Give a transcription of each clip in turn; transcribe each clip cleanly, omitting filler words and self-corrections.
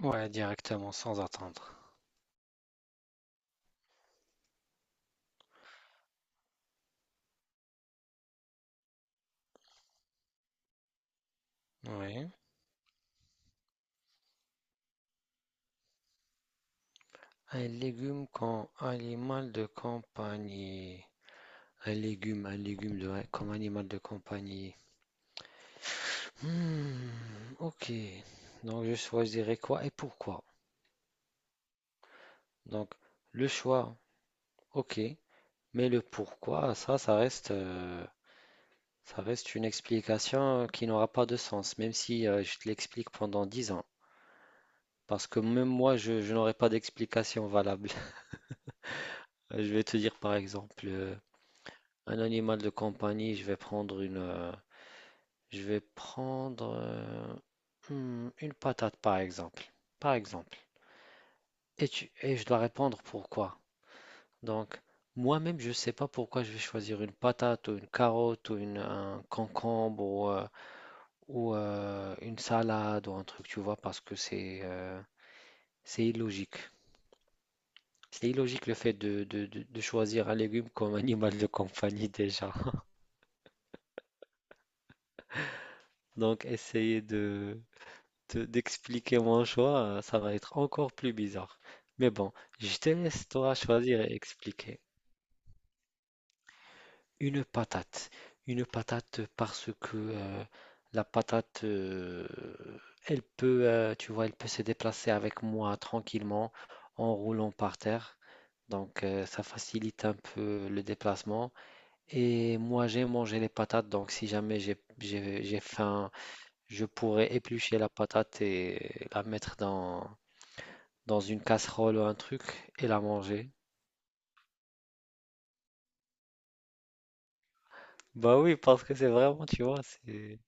Ouais, directement, sans attendre. Oui. Un légume comme animal de compagnie. Un légume de, comme animal de compagnie. Hmm, ok. Donc je choisirais quoi et pourquoi? Donc le choix, ok. Mais le pourquoi, ça, ça reste une explication qui n'aura pas de sens, même si je te l'explique pendant 10 ans. Parce que même moi, je n'aurai pas d'explication valable. Je vais te dire par exemple. Un animal de compagnie, je vais prendre je vais prendre une patate par exemple. Par exemple. Et je dois répondre pourquoi. Donc, moi-même, je ne sais pas pourquoi je vais choisir une patate ou une carotte ou un concombre ou une salade ou un truc, tu vois, parce que c'est illogique. C'est illogique le fait de choisir un légume comme animal de compagnie déjà. Donc, essayez de, d'expliquer mon choix, ça va être encore plus bizarre. Mais bon, je te laisse toi choisir et expliquer. Une patate. Une patate parce que la patate, elle peut, tu vois, elle peut se déplacer avec moi tranquillement en roulant par terre. Donc ça facilite un peu le déplacement. Et moi j'ai mangé les patates, donc si jamais j'ai faim, je pourrais éplucher la patate et la mettre dans une casserole ou un truc et la manger. Bah oui, parce que c'est vraiment, tu vois,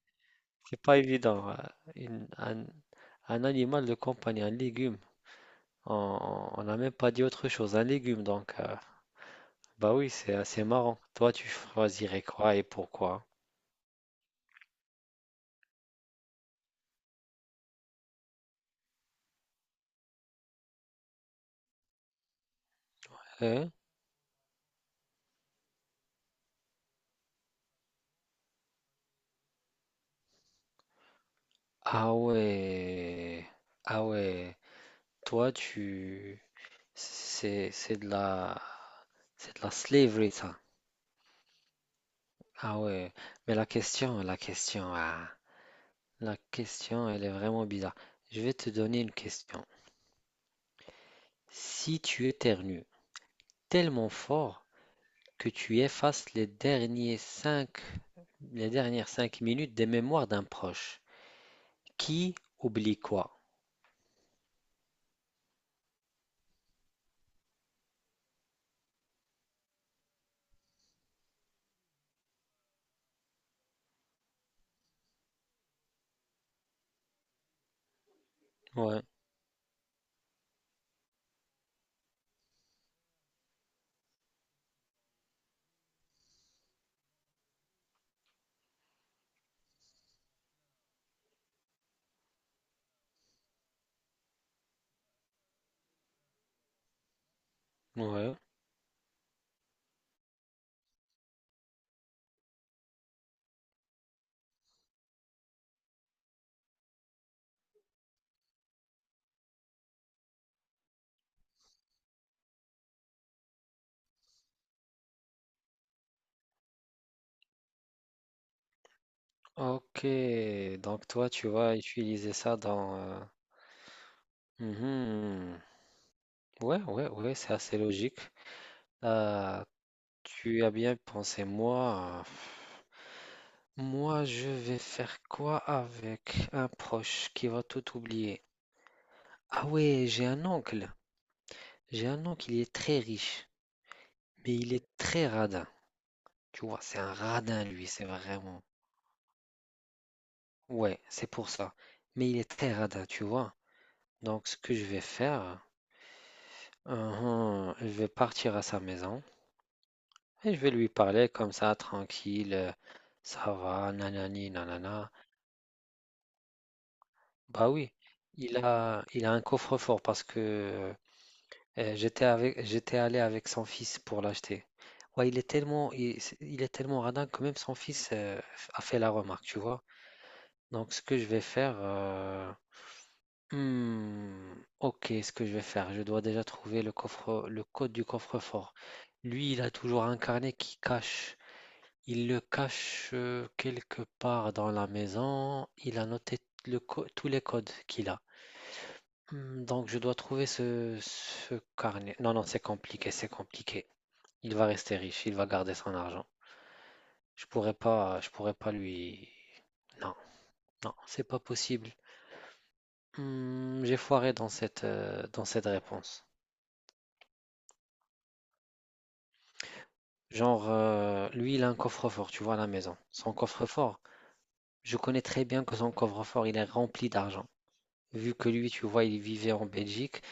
c'est pas évident. Une- un, un animal de compagnie, un légume, on on n'a même pas dit autre chose, un légume, donc bah oui, c'est assez marrant. Toi, tu choisirais quoi et pourquoi? Hein. Ah ouais, ah ouais, toi, tu c'est c'est de la c'est de la slavery ça. Ah ouais, mais la question, ah. La question, elle est vraiment bizarre. Je vais te donner une question. Si tu éternues tellement fort que tu effaces les dernières 5 minutes des mémoires d'un proche, qui oublie quoi? Ouais, ouais. Ok, donc toi, tu vas utiliser ça dans... mhm. Ouais, ouais, ouais, c'est assez logique. Euh, Tu as bien pensé, moi. Moi, je vais faire quoi avec un proche qui va tout oublier? Ah ouais, j'ai un oncle. J'ai un oncle, il est très riche, mais il est très radin. Tu vois, c'est un radin, lui, c'est vraiment. Ouais, c'est pour ça. Mais il est très radin, tu vois. Donc, ce que je vais faire, uhum, je vais partir à sa maison et je vais lui parler comme ça, tranquille. Ça va, nanani, nanana. Bah oui, il a un coffre-fort parce que j'étais allé avec son fils pour l'acheter. Ouais, il est tellement radin que même son fils a fait la remarque, tu vois. Donc ce que je vais faire, hmm, ok, ce que je vais faire, je dois déjà trouver le coffre, le code du coffre-fort. Lui, il a toujours un carnet qui cache, il le cache quelque part dans la maison. Il a noté tous les codes qu'il a. Donc je dois trouver ce carnet. Non, non, c'est compliqué, c'est compliqué. Il va rester riche, il va garder son argent. Je pourrais pas lui. Non, non, c'est pas possible. J'ai foiré dans dans cette réponse. Genre, lui, il a un coffre-fort, tu vois, à la maison. Son coffre-fort, je connais très bien que son coffre-fort, il est rempli d'argent. Vu que lui, tu vois, il vivait en Belgique.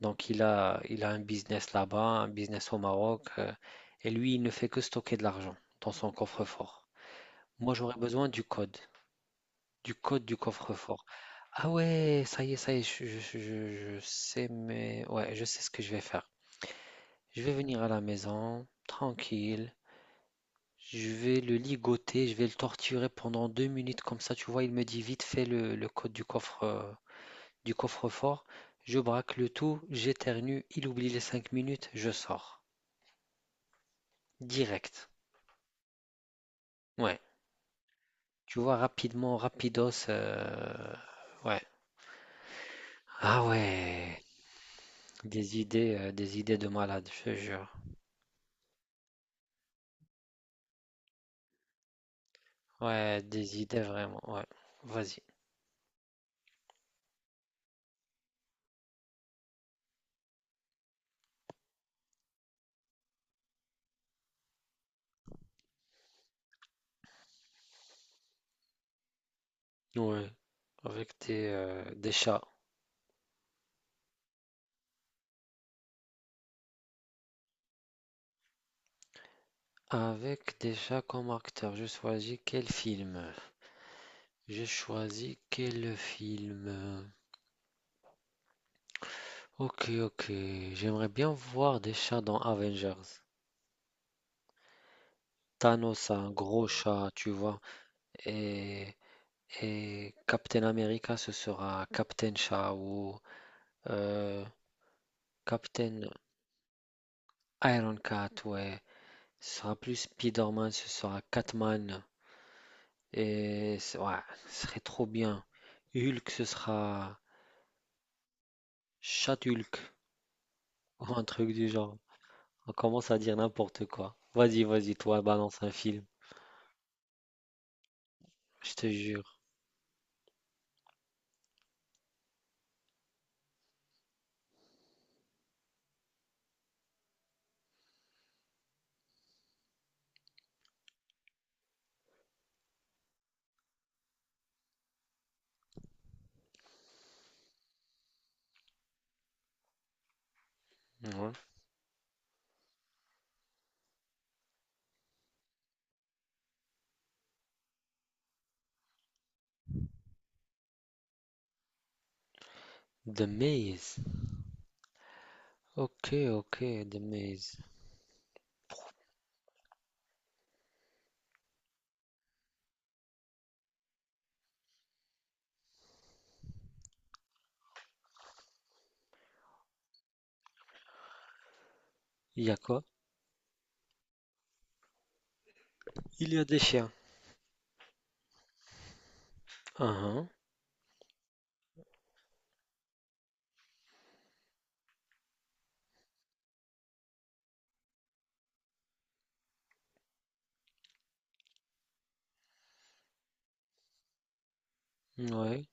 Donc, il a un business là-bas, un business au Maroc, et lui, il ne fait que stocker de l'argent dans son coffre-fort. Moi, j'aurais besoin du code, du code du coffre-fort. Ah ouais, ça y est, je sais, mais ouais, je sais ce que je vais faire. Je vais venir à la maison, tranquille. Je vais le ligoter, je vais le torturer pendant 2 minutes comme ça. Tu vois, il me dit vite fait le code du coffre, du coffre-fort. Je braque le tout, j'éternue, il oublie les 5 minutes, je sors. Direct. Ouais. Tu vois, rapidement, rapidos. Ouais. Ah ouais. Des idées de malade, je te jure. Ouais, des idées vraiment. Ouais. Vas-y. Ouais. Avec des chats. Avec des chats comme acteur, je choisis quel film? J'ai choisi quel film? Ok, ok. J'aimerais bien voir des chats dans Avengers. Thanos a un gros chat, tu vois. Et Et Captain America, ce sera Captain Shaw ou euh, Captain Ironcat, ouais. Ce sera plus Spider-Man, ce sera Catman. Ouais, ce serait trop bien. Hulk, ce sera Chat-Hulk ou un truc du genre. On commence à dire n'importe quoi. Vas-y, vas-y, toi, balance un film. Je te jure. Ouais. The Maze. Ok, ok, The Maze. Il y a quoi? Il y a des chiens. Ah, ah, ouais.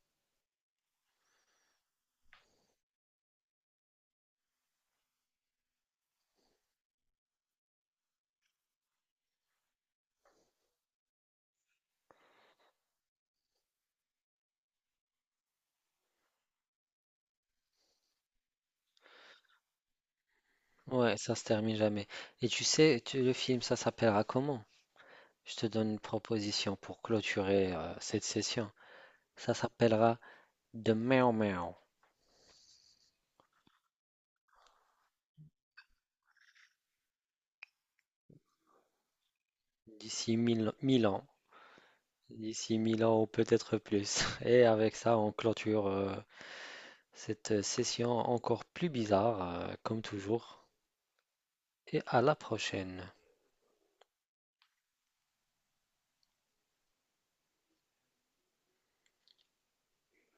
Ouais, ça se termine jamais. Le film, ça s'appellera comment? Je te donne une proposition pour clôturer cette session. Ça s'appellera The Meow Meow. D'ici 1000 1000 ans. D'ici 1000 ans ou peut-être plus. Et avec ça, on clôture cette session encore plus bizarre, comme toujours. Et à la prochaine.